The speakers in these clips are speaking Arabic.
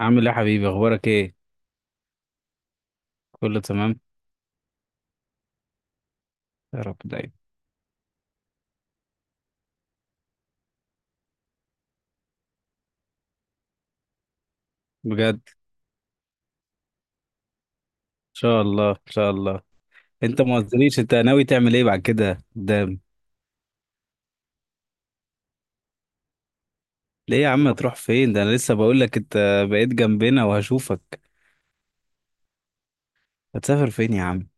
عامل ايه يا حبيبي، اخبارك ايه؟ كله تمام، يا رب دايما. بجد ان شاء الله ان شاء الله. انت ما قلتليش انت ناوي تعمل ايه بعد كده قدام؟ ليه يا عم تروح فين؟ ده انا لسه بقول لك انت بقيت جنبنا وهشوفك. هتسافر فين يا عم؟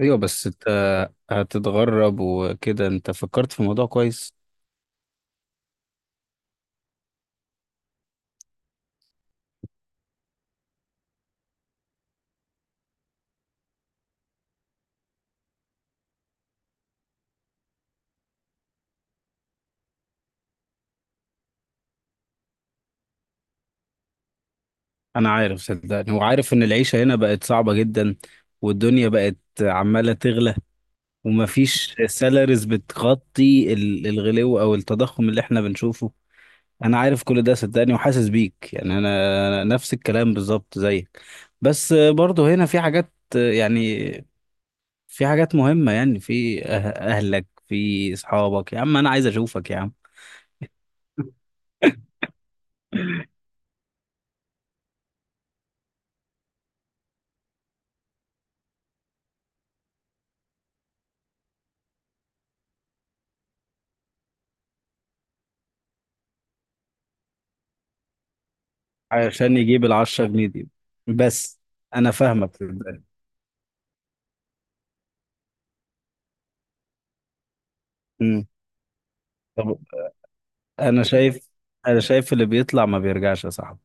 ايوه، بس انت هتتغرب وكده، انت فكرت في الموضوع كويس؟ انا عارف صدقني، وعارف ان العيشة هنا بقت صعبة جدا، والدنيا بقت عمالة تغلى، ومفيش سالاريز بتغطي الغلو او التضخم اللي احنا بنشوفه. انا عارف كل ده صدقني وحاسس بيك. انا أنا نفس الكلام بالظبط زيك، بس برضه هنا في حاجات، يعني في حاجات مهمة. اهلك، في اصحابك يا عم، انا عايز اشوفك يا عم. عشان يجيب العشرة جنيه دي. بس انا فاهمك صدقني. أمم. طب انا شايف، انا شايف اللي بيطلع ما بيرجعش يا صاحبي.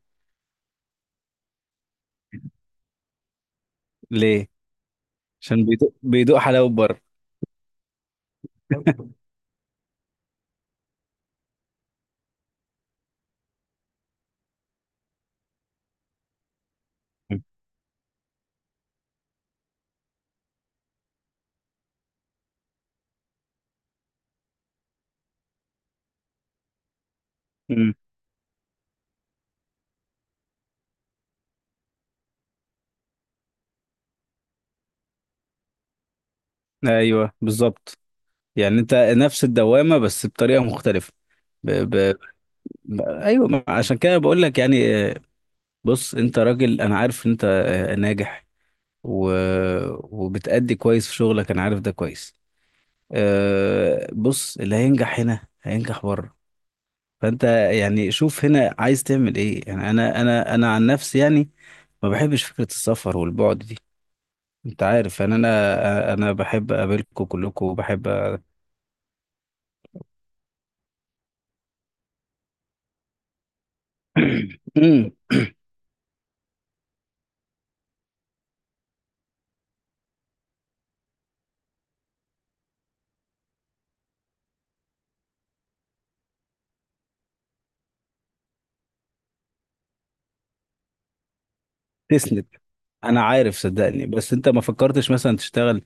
ليه؟ عشان بيدوق حلاوة بره. أمم. ايوه بالظبط، يعني انت نفس الدوامة بس بطريقة مختلفة. ايوه، عشان كده بقول لك. يعني بص انت راجل، انا عارف انت ناجح و... وبتأدي كويس في شغلك، انا عارف ده كويس. بص، اللي هينجح هنا هينجح بره. فانت يعني شوف هنا عايز تعمل ايه. يعني انا عن نفسي، يعني ما بحبش فكرة السفر والبعد دي. انت عارف يعني انا بحب اقابلكم كلكم وبحب تسند. انا عارف صدقني، بس انت ما فكرتش مثلا تشتغل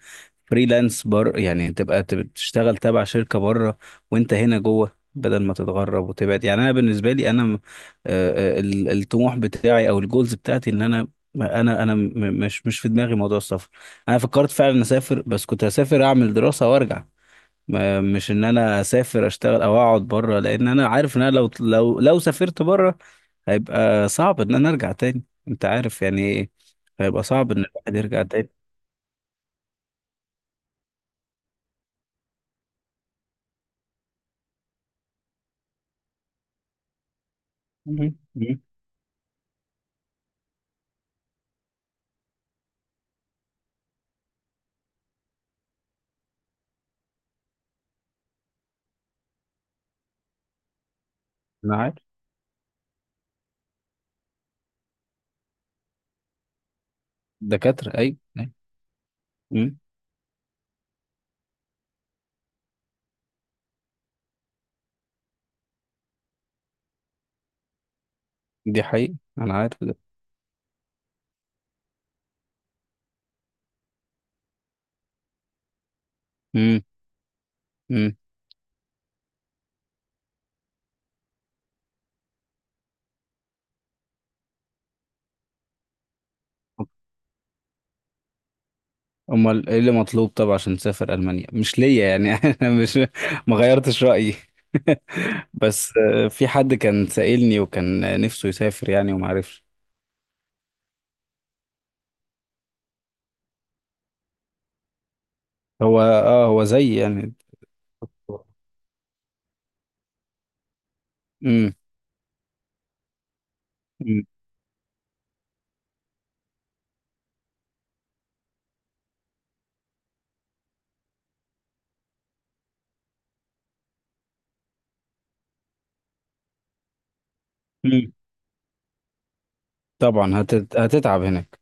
فريلانس؟ يعني تبقى تشتغل تبع شركة بره، وانت هنا جوه، بدل ما تتغرب وتبعد. يعني انا بالنسبة لي الطموح بتاعي او الجولز بتاعتي ان انا انا م- مش في دماغي موضوع السفر. انا فكرت فعلا اسافر، بس كنت هسافر اعمل دراسة وارجع. مش ان انا اسافر اشتغل او اقعد بره، لان انا عارف ان انا لو لو سافرت بره، هيبقى صعب ان انا ارجع تاني. انت عارف يعني ايه، هيبقى صعب ان الواحد يرجع تاني. مم. مم. انا عارف. دكاترة اي أي. مم. دي حقيقة، انا عارف ده. مم. مم. امال ايه اللي مطلوب؟ طب عشان تسافر المانيا، مش ليا يعني انا مش، ما غيرتش رايي. بس في حد كان سائلني وكان نفسه يسافر يعني وما عرفش. هو زي يعني. امم. طبعا هتتعب هناك.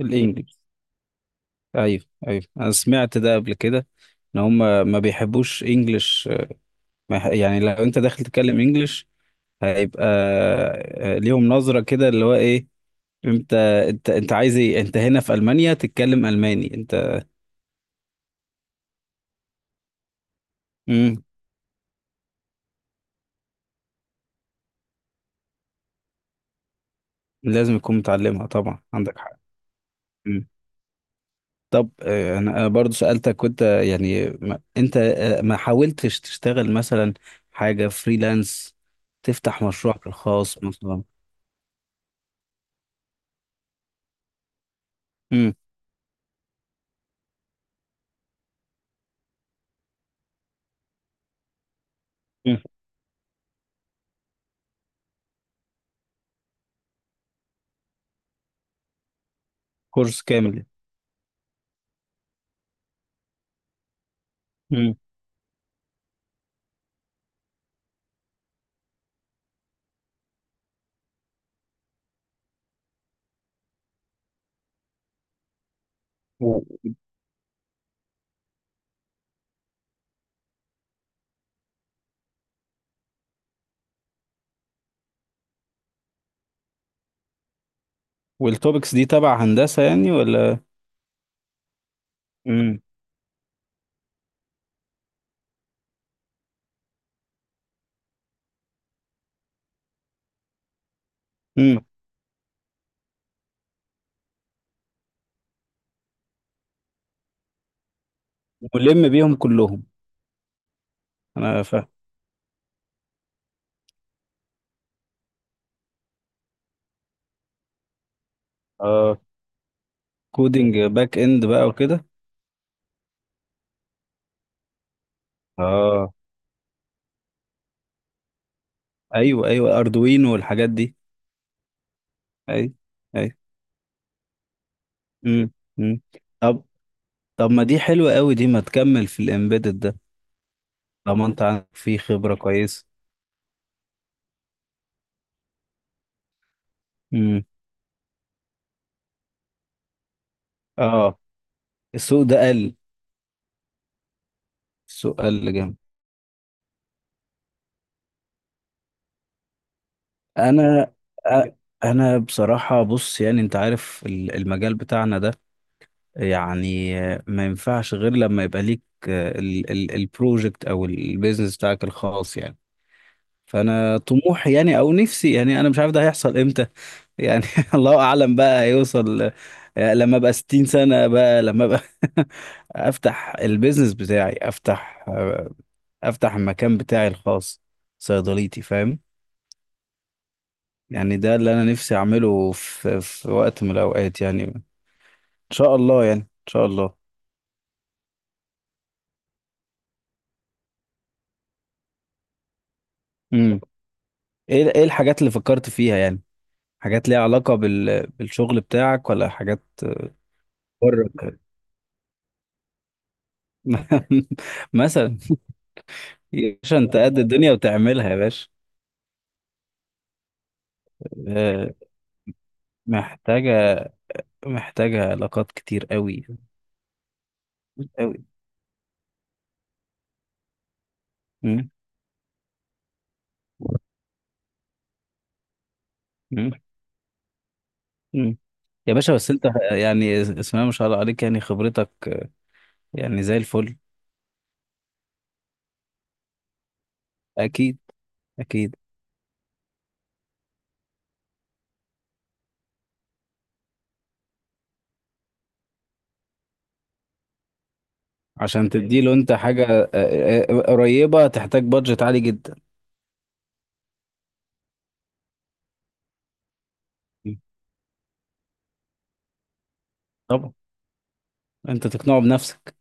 الانجليش. ايوه، ايوه انا سمعت ده قبل كده، ان هم ما بيحبوش انجلش. ما يح- يعني لو انت داخل تتكلم انجلش، هيبقى ليهم نظرة كده، اللي هو ايه؟ انت انت عايز ايه؟ انت هنا في المانيا تتكلم الماني انت. مم. لازم تكون متعلمها طبعا، عندك حق. مم. طب انا برضو سألتك، وانت يعني ما انت ما حاولتش تشتغل مثلا حاجة فريلانس، تفتح مشروعك الخاص مثلا؟ مم. مم. كورس كامل يعني. مم. والتوبكس دي تبع هندسة يعني ولا؟ امم. امم. ملم بيهم كلهم. انا فاهم. اه. كودينج باك اند بقى وكده؟ اه. ايوه ايوه، اردوينو والحاجات دي. ايوه. ايوه. امم. امم. طب، طب ما دي حلوة قوي دي، ما تكمل في الامبيدد ده، طالما انت عندك فيه خبرة كويسة. امم. اه، السوق ده قل. السوق قل جامد. انا أ- انا بصراحة، بص يعني انت عارف المجال بتاعنا ده، يعني ما ينفعش غير لما يبقى ليك البروجكت او البيزنس بتاعك الخاص. يعني فانا طموحي يعني او نفسي، يعني انا مش عارف ده هيحصل امتى، يعني الله اعلم بقى، هيوصل لما ابقى 60 سنة بقى، لما ابقى افتح البيزنس بتاعي، افتح افتح المكان بتاعي الخاص، صيدليتي، فاهم؟ يعني ده اللي انا نفسي اعمله في في وقت من الاوقات، يعني ان شاء الله يعني ان شاء الله. ايه ايه الحاجات اللي فكرت فيها يعني؟ حاجات ليها علاقة بالشغل بتاعك ولا حاجات بره؟ مثلا؟ يا باشا انت قد الدنيا وتعملها يا باشا. آه، محتاجة، محتاجة علاقات كتير قوي، قوي. مم. مم. مم. يا باشا بس انت، يعني اسمها ما شاء الله عليك، يعني خبرتك يعني زي الفل. اكيد. اكيد. عشان تديله انت حاجة قريبة، تحتاج بادجت عالي جدا. طبعا. انت تقنعه بنفسك.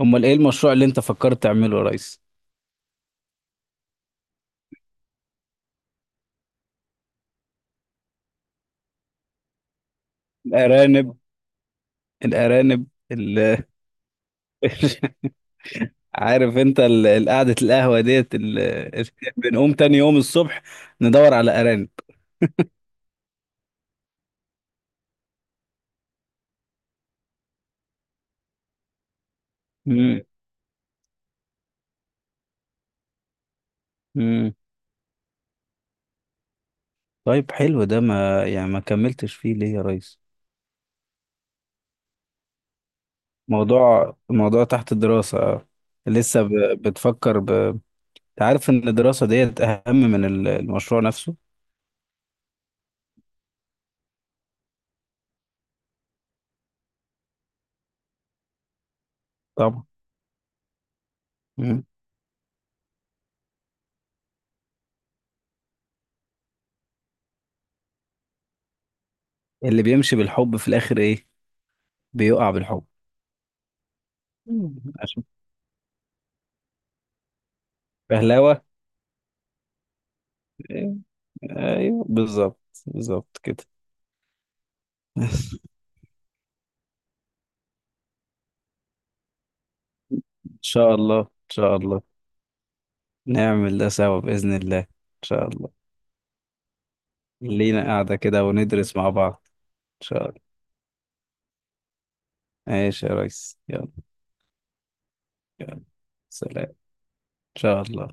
امال ايه المشروع اللي انت فكرت تعمله يا ريس؟ الارانب، الارانب، ال... عارف انت قعدة القهوة ديت ال- بنقوم تاني يوم الصبح ندور على ارانب. مم. مم. طيب حلو ده، ما يعني ما كملتش فيه ليه يا ريس؟ موضوع، موضوع تحت الدراسة آه. لسه بتفكر انت عارف ان الدراسة ديت اهم من المشروع نفسه. طبعا. مم. اللي بيمشي بالحب في الاخر ايه؟ بيقع بالحب. مم. عشان بهلاوة. ايوه بالظبط، بالظبط كده. ان شاء الله ان شاء الله. نعمل ده سوا باذن الله ان شاء الله. لينا قاعده كده وندرس مع بعض. ان شاء الله. ماشي يا ريس، يلا. يلا. سلام ان شاء الله.